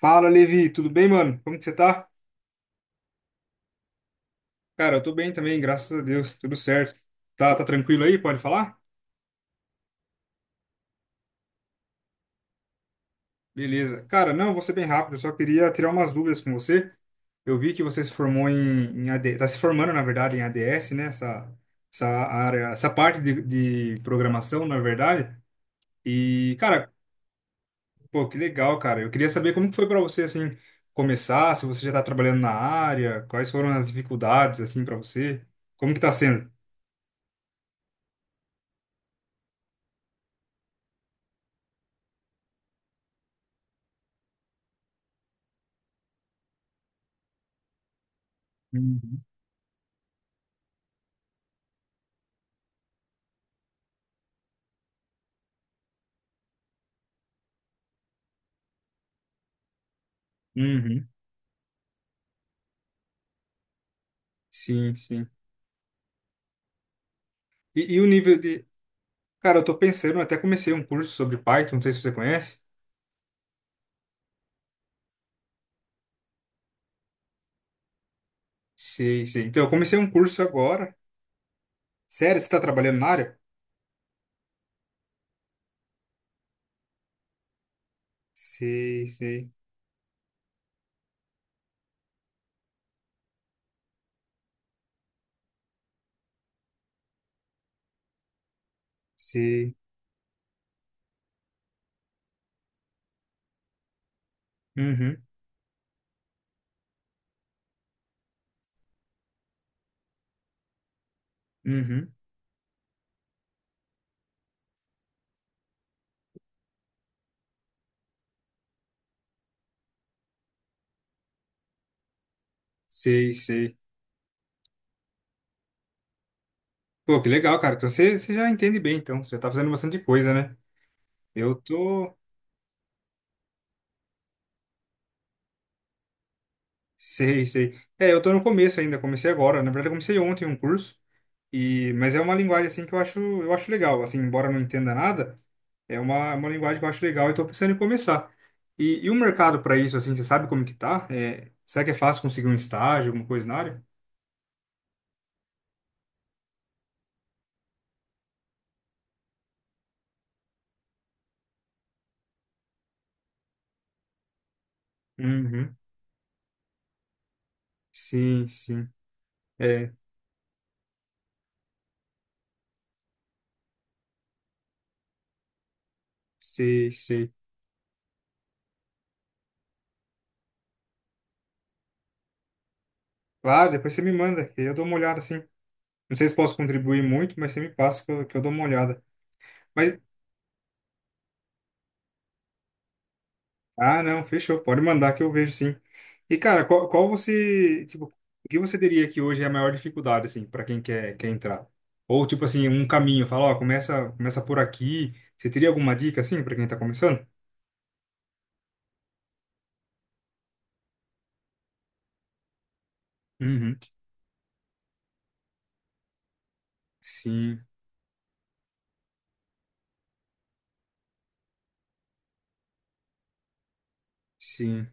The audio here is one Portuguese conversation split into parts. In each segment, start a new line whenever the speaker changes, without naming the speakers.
Fala, Levi, tudo bem, mano? Como que você tá? Cara, eu tô bem também, graças a Deus, tudo certo. Tá, tá tranquilo aí? Pode falar? Beleza. Cara, não, vou ser bem rápido, eu só queria tirar umas dúvidas com você. Eu vi que você se formou em AD, tá se formando, na verdade, em ADS, né? Essa área, essa parte de programação, na verdade. E, cara, pô, que legal, cara. Eu queria saber como que foi pra você, assim, começar, se você já tá trabalhando na área, quais foram as dificuldades, assim, pra você. Como que tá sendo? Uhum. Uhum. Sim, sim. E, o nível de. Cara, eu tô pensando, eu até comecei um curso sobre Python, não sei se você conhece. Sei, sei. Então, eu comecei um curso agora. Sério, você tá trabalhando na área? Sei, sei, sei. Uhum, uhum. Sei, sei. Pô, que legal, cara. Então, você já entende bem, então. Você já tá fazendo bastante coisa, né? Eu tô. Sei, sei. É, eu tô no começo ainda, comecei agora. Na verdade, eu comecei ontem um curso. E, mas é uma linguagem assim que eu acho legal, assim, embora eu não entenda nada, é uma linguagem que eu acho legal e estou pensando em começar. E, o mercado para isso, assim, você sabe como que tá? É, será que é fácil conseguir um estágio, alguma coisa na área? Uhum. Sim, sim. É, sei, sei. Claro, depois você me manda, que eu dou uma olhada, assim. Não sei se posso contribuir muito, mas você me passa que eu dou uma olhada. Mas Ah, não, fechou. Pode mandar que eu vejo sim. E, cara, qual você, tipo, o que você diria que hoje é a maior dificuldade, assim, para quem quer entrar? Ou, tipo assim, um caminho, fala, ó, começa por aqui. Você teria alguma dica, assim, para quem tá começando? Uhum. Sim, sim.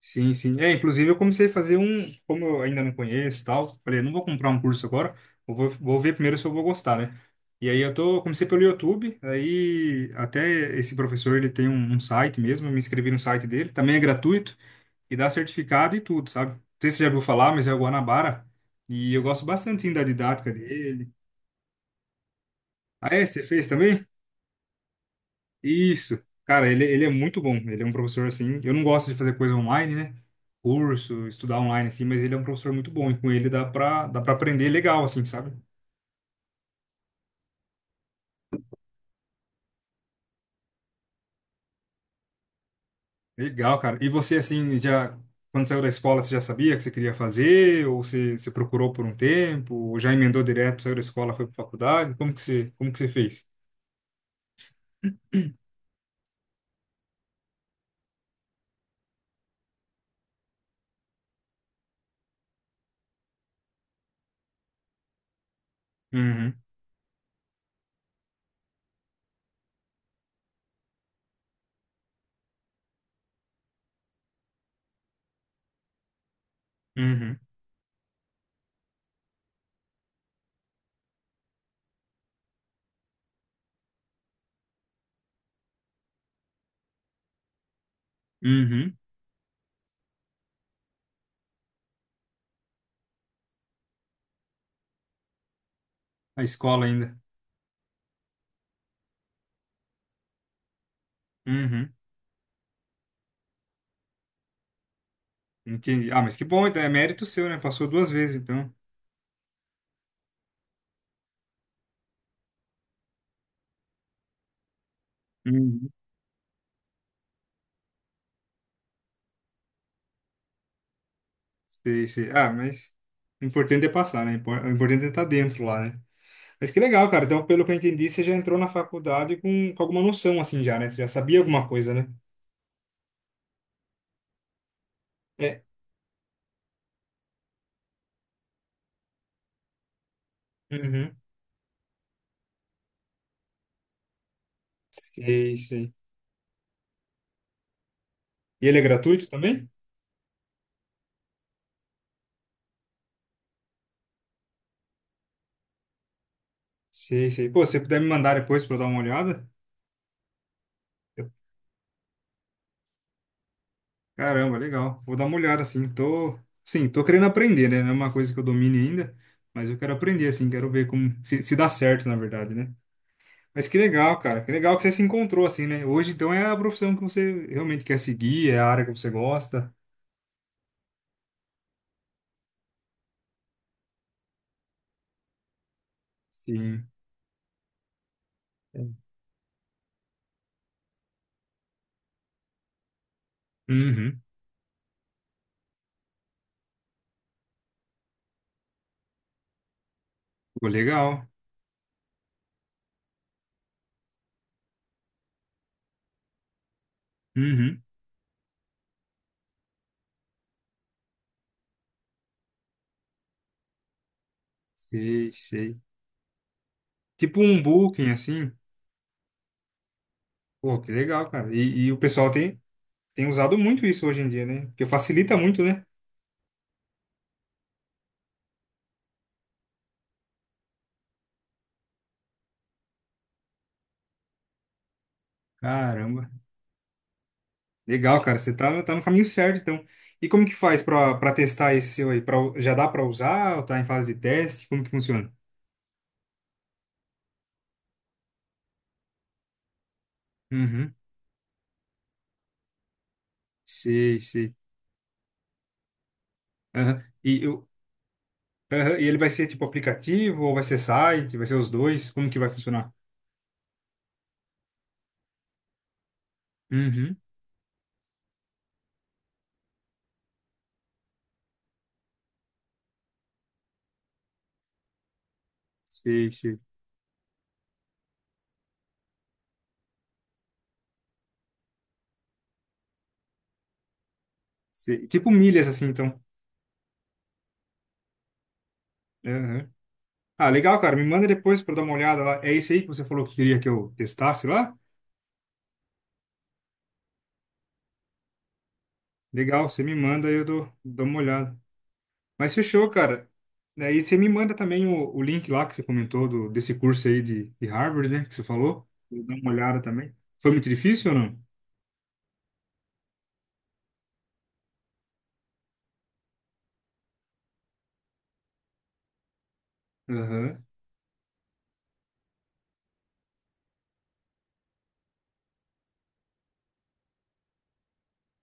Sim, sim. É, inclusive eu comecei a fazer um, como eu ainda não conheço e tal, falei, não vou comprar um curso agora, eu vou ver primeiro se eu vou gostar, né? E aí eu tô, eu comecei pelo YouTube, aí até esse professor, ele tem um site mesmo, eu me inscrevi no site dele, também é gratuito e dá certificado e tudo, sabe? Não sei se você já ouviu falar, mas é o Guanabara, e eu gosto bastante, sim, da didática dele. Ah, é? Você fez também? Isso. Cara, ele é muito bom. Ele é um professor assim. Eu não gosto de fazer coisa online, né? Curso, estudar online assim, mas ele é um professor muito bom e com ele dá pra aprender legal, assim, sabe? Legal, cara. E você, assim, já, quando saiu da escola, você já sabia que você queria fazer? Ou você procurou por um tempo? Ou já emendou direto, saiu da escola, foi pra faculdade? Como que você fez? Uhum, uhum, uhum. A escola ainda. Uhum, entendi. Ah, mas que bom, então é mérito seu, né? Passou duas vezes, então. Uhum. Sei, sei. Ah, mas o importante é passar, né? Impor- O importante é estar dentro lá, né? Mas que legal, cara. Então, pelo que eu entendi, você já entrou na faculdade com alguma noção, assim, já, né? Você já sabia alguma coisa, né? É. Uhum. Sei, sei. E ele é gratuito também? Sei, sei. Pô, se você puder me mandar depois pra eu dar uma olhada? Eu- Caramba, legal. Vou dar uma olhada, assim. Tô, sim, tô querendo aprender, né? Não é uma coisa que eu domine ainda, mas eu quero aprender, assim. Quero ver como... Se dá certo, na verdade, né? Mas que legal, cara. Que legal que você se encontrou assim, né? Hoje, então, é a profissão que você realmente quer seguir, é a área que você gosta. Sim. Uhum. Pô, legal. Uhum. Sei, sei. Tipo um booking, assim. Pô, que legal, cara. E, o pessoal tem, tem usado muito isso hoje em dia, né? Porque facilita muito, né? Caramba. Legal, cara. Você tá, tá no caminho certo, então. E como que faz pra testar esse seu aí? Pra, já dá pra usar ou tá em fase de teste? Como que funciona? Uhum. Sei, sei. Aham. E Aham, e ele vai ser tipo aplicativo ou vai ser site? Vai ser os dois? Como que vai funcionar? Uhum. Sei, sei, sei. Tipo milhas assim, então. Aham. Ah, legal, cara. Me manda depois para eu dar uma olhada lá. É esse aí que você falou que queria que eu testasse lá? Legal, você me manda aí eu dou uma olhada. Mas fechou, cara. Daí você me manda também o link lá que você comentou do, desse curso aí de Harvard, né? Que você falou. Eu dou uma olhada também. Foi muito difícil ou não? Aham,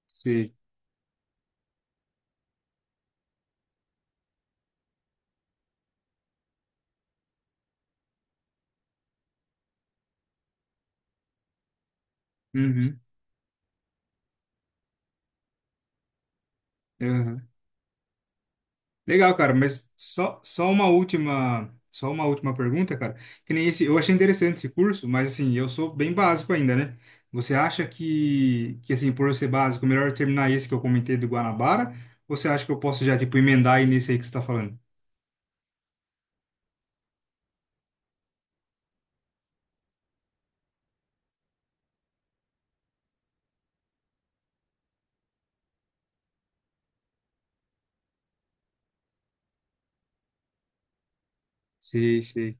sei. Uhum. Aham. Legal, cara, mas só, só uma última pergunta, cara. Que nem esse, eu achei interessante esse curso, mas assim, eu sou bem básico ainda, né? Você acha que assim, por eu ser básico, melhor eu terminar esse que eu comentei do Guanabara? Ou você acha que eu posso já, tipo, emendar aí nesse aí que você tá falando? Sei, sei.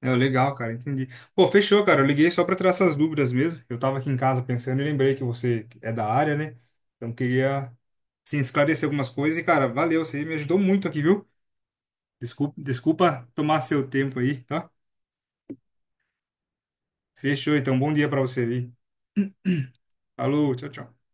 É, legal, cara, entendi. Pô, fechou, cara. Eu liguei só para tirar essas dúvidas mesmo. Eu tava aqui em casa pensando e lembrei que você é da área, né? Então queria, assim, esclarecer algumas coisas e, cara, valeu, você me ajudou muito aqui, viu? Desculpa, desculpa tomar seu tempo aí, tá? Fechou, então. Bom dia para você aí. Falou, tchau, tchau.